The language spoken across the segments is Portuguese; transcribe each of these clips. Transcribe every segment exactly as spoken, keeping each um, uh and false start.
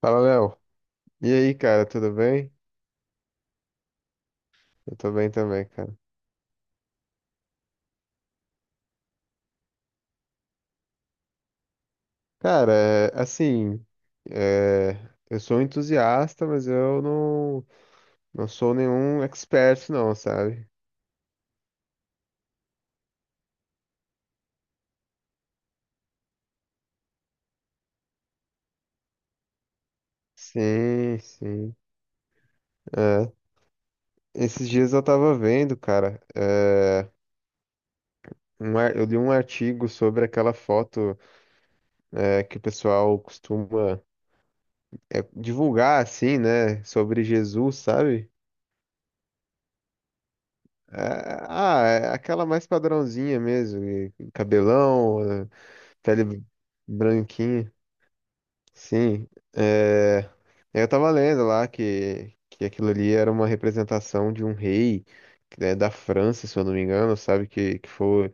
Fala, Léo. E aí, cara, tudo bem? Eu tô bem também, cara. Cara, é, assim, é, eu sou um entusiasta, mas eu não, não sou nenhum expert, não, sabe? Sim, sim. É. Esses dias eu tava vendo, cara, é, um ar- eu li um artigo sobre aquela foto, é, que o pessoal costuma, é, divulgar, assim, né, sobre Jesus, sabe? É, Ah, é aquela mais padrãozinha mesmo, e cabelão, pele branquinha, sim. É, eu tava lendo lá que, que aquilo ali era uma representação de um rei, né, da França, se eu não me engano, sabe? Que, que foi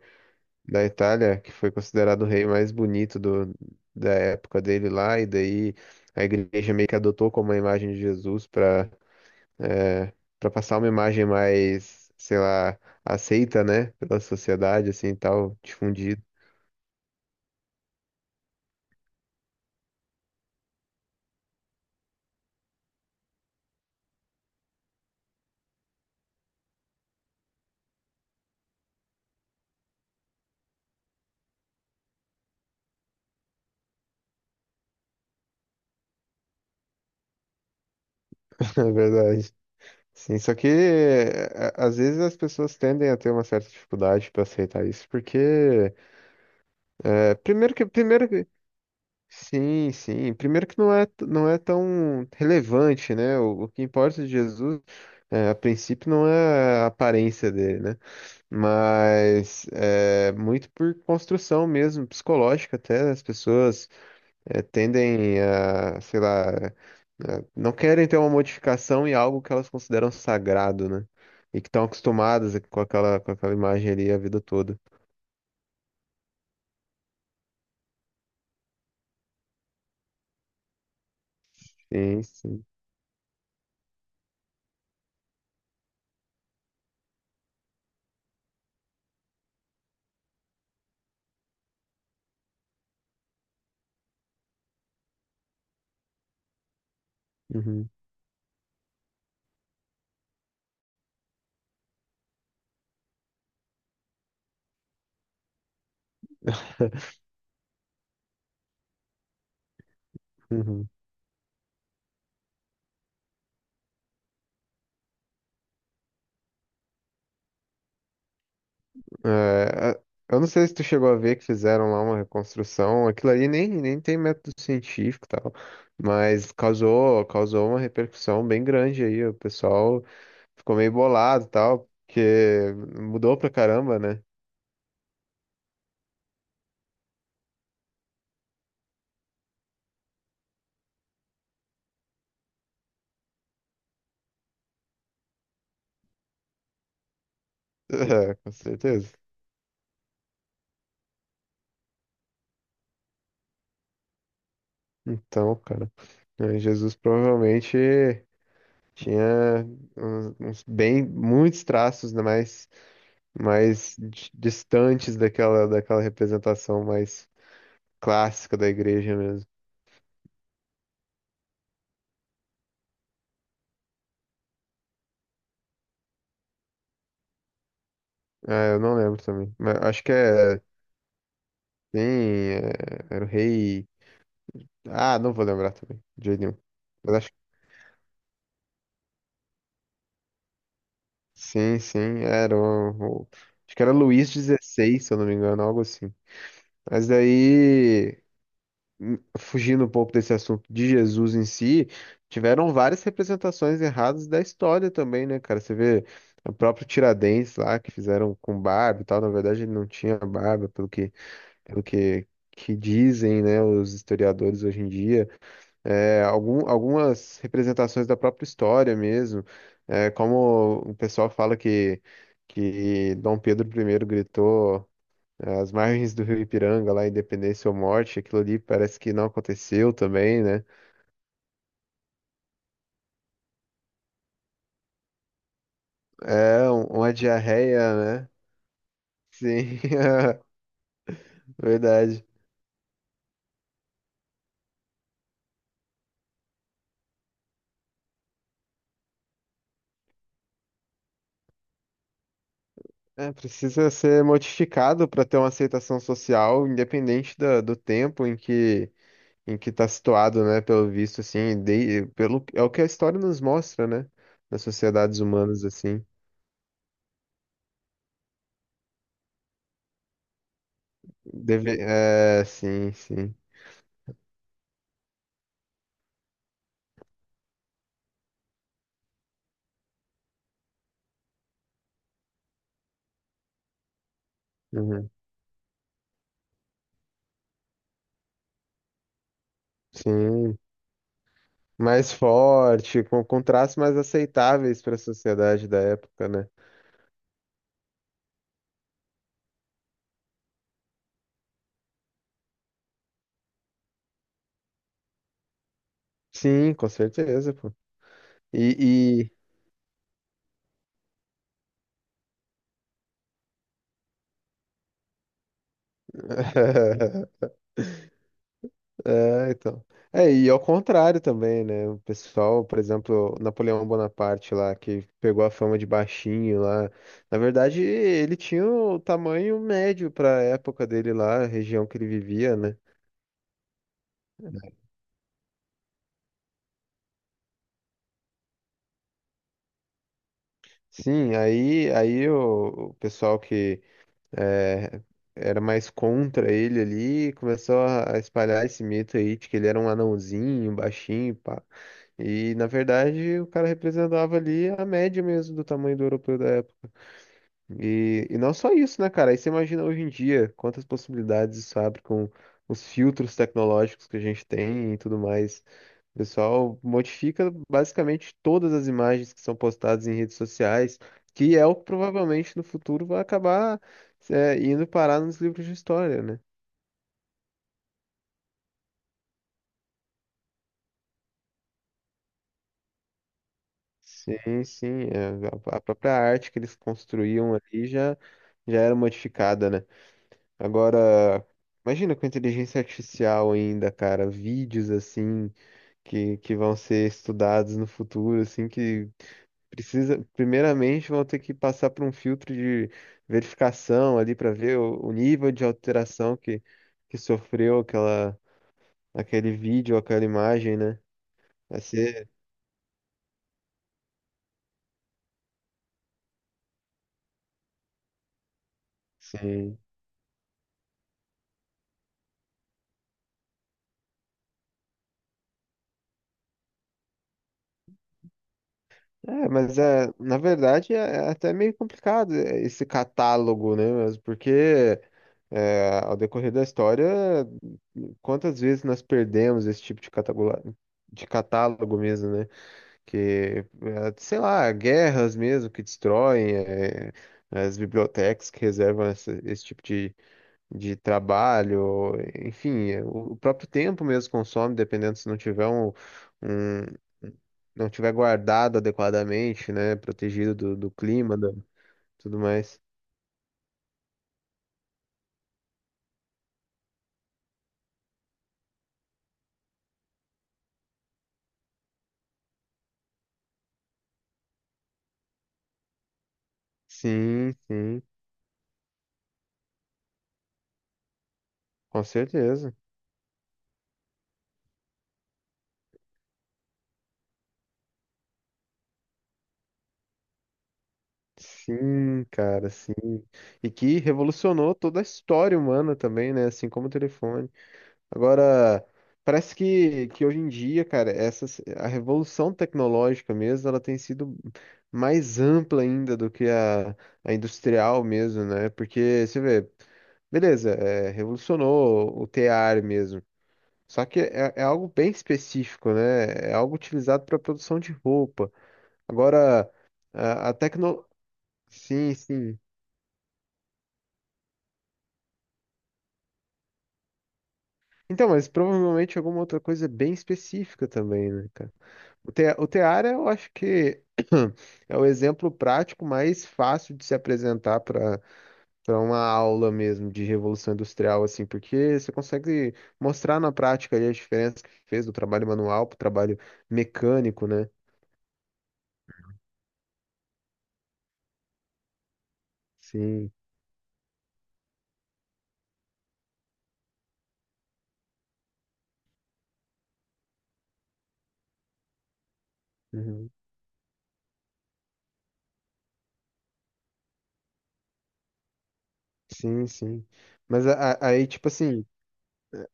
da Itália, que foi considerado o rei mais bonito do, da época dele lá, e daí a igreja meio que adotou como a imagem de Jesus para é, para passar uma imagem mais, sei lá, aceita, né, pela sociedade, assim, e tal, difundida, na verdade. Sim, só que é, é, às vezes as pessoas tendem a ter uma certa dificuldade para aceitar isso, porque é, primeiro que primeiro que sim, sim, primeiro que não é t- não é tão relevante, né? O, o que importa de Jesus é, a princípio não é a aparência dele, né? Mas é muito por construção mesmo psicológica até as pessoas é, tendem a, sei lá, é, não querem ter uma modificação em algo que elas consideram sagrado, né? E que estão acostumadas com aquela, com aquela imagem ali a vida toda. Sim, sim. Uhum. Uhum. É, a- eu não sei se tu chegou a ver que fizeram lá uma reconstrução. Aquilo ali nem, nem tem método científico e tal, mas causou, causou uma repercussão bem grande aí. O pessoal ficou meio bolado e tal, porque mudou pra caramba, né? É, com certeza. Então, cara, eh, Jesus provavelmente tinha uns, uns bem muitos traços, né, mais mais di- distantes daquela daquela representação mais clássica da igreja mesmo. Ah, eu não lembro também. Mas acho que é tem eh, era o rei. Ah, não vou lembrar também, de jeito nenhum. Mas acho que sim, sim, era o, o- acho que era Luís dezesseis se eu não me engano, algo assim. Mas daí hum, fugindo um pouco desse assunto de Jesus em si, tiveram várias representações erradas da história também, né, cara? Você vê o próprio Tiradentes lá, que fizeram com barba e tal, na verdade ele não tinha barba, pelo que, pelo que, que dizem, né, os historiadores hoje em dia. É, algum, algumas representações da própria história mesmo, é, como o pessoal fala que, que Dom Pedro primeiro gritou As margens do Rio Ipiranga, lá, Independência ou Morte. Aquilo ali parece que não aconteceu também, né? É um- uma diarreia, né? Sim, verdade. É, precisa ser modificado para ter uma aceitação social, independente da- do tempo em que em que está situado, né? Pelo visto, assim, de- pelo, é o que a história nos mostra, né? Das sociedades humanas, assim. Deve, é, sim, sim. Uhum. Sim, mais forte, com, com traços mais aceitáveis para a sociedade da época, né? Sim, com certeza, pô. E, e... É, então. É, e ao contrário também, né? O pessoal, por exemplo, Napoleão Bonaparte lá, que pegou a fama de baixinho lá. Na verdade, ele tinha o tamanho médio para a época dele lá, a região que ele vivia, né? Sim, aí, aí o, o pessoal que é, era mais contra ele ali, e começou a a espalhar esse mito aí de que ele era um anãozinho, um baixinho, pá. E na verdade o cara representava ali a média mesmo do tamanho do europeu da época. E, e não só isso, né, cara? Aí você imagina hoje em dia quantas possibilidades isso abre com os filtros tecnológicos que a gente tem e tudo mais. O pessoal modifica basicamente todas as imagens que são postadas em redes sociais, que é o que provavelmente no futuro vai acabar, é, indo parar nos livros de história, né? Sim, sim. é, a a própria arte que eles construíam ali já, já era modificada, né? Agora, imagina com a inteligência artificial ainda, cara, vídeos assim que, que vão ser estudados no futuro, assim, que precisa, primeiramente, vão ter que passar por um filtro de verificação ali para ver o, o nível de alteração que, que sofreu aquela, aquele vídeo, aquela imagem, né? Vai ser, sim. É, mas é, na verdade é, é até meio complicado é, esse catálogo, né? Mas porque é, ao decorrer da história, quantas vezes nós perdemos esse tipo de catálogo, de catálogo mesmo, né? Que, eh, sei lá, guerras mesmo que destroem, eh, as bibliotecas que reservam essa- esse tipo de, de trabalho, enfim, eh, o o próprio tempo mesmo consome, dependendo se não tiver um, um- não tiver guardado adequadamente, né, protegido do, do clima, da- tudo mais. Sim, sim, com certeza. Sim, cara, sim. E que revolucionou toda a história humana também, né? Assim como o telefone. Agora, parece que, que hoje em dia, cara, essa, a revolução tecnológica mesmo, ela tem sido mais ampla ainda do que a, a industrial mesmo, né? Porque, você vê, beleza, é, revolucionou o tear mesmo. Só que é, é algo bem específico, né? É algo utilizado para produção de roupa. Agora, a, a tecno... Sim, sim. Então, mas provavelmente alguma outra coisa bem específica também, né, cara? O Te- o Teara, eu acho que é o exemplo prático mais fácil de se apresentar para para uma aula mesmo de Revolução Industrial, assim, porque você consegue mostrar na prática ali a diferença que fez do trabalho manual para o trabalho mecânico, né? Sim, uhum. Sim, sim. Mas a- a- aí, tipo assim,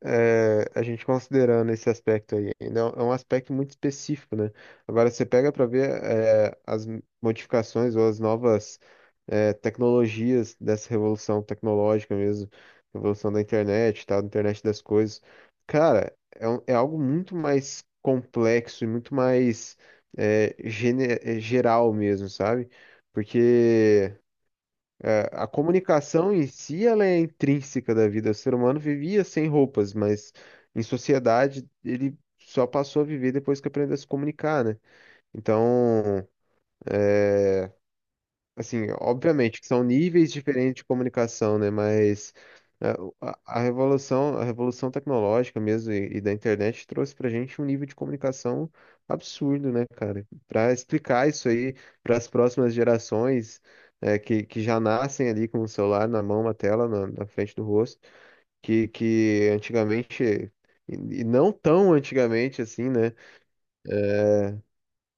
é, a gente considerando esse aspecto aí, ainda é um é um aspecto muito específico, né? Agora você pega para ver é, as modificações ou as novas é, tecnologias dessa revolução tecnológica mesmo, revolução da internet, tal, da internet das coisas. Cara, é, um- é algo muito mais complexo e muito mais é, gene- é, geral mesmo, sabe? Porque é, a comunicação em si, ela é intrínseca da vida. O ser humano vivia sem roupas, mas em sociedade ele só passou a viver depois que aprendeu a se comunicar, né? Então, assim, obviamente que são níveis diferentes de comunicação, né? Mas é, o- a, a revolução, a revolução tecnológica mesmo e, e da internet trouxe pra gente um nível de comunicação absurdo, né, cara? Para explicar isso aí para as próximas gerações é, que, que já nascem ali com o celular na mão, uma tela na, na frente do rosto, que, que antigamente, e e não tão antigamente assim, né?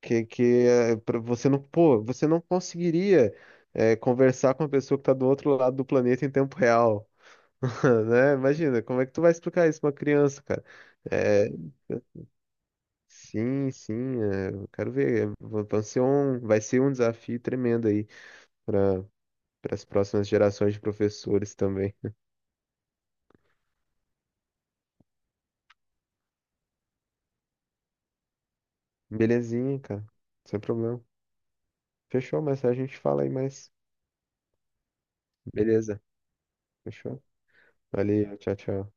Que, que é, pra você não, pô, você não conseguiria é, conversar com a pessoa que está do outro lado do planeta em tempo real, né? Imagina, como é que tu vai explicar isso pra uma criança, cara? É, sim, sim, é, eu quero ver, é, va- vai ser um, vai ser um desafio tremendo aí para para as próximas gerações de professores também. Belezinha, cara, sem problema. Fechou, mas a gente fala aí mais. Beleza, fechou? Valeu, tchau, tchau.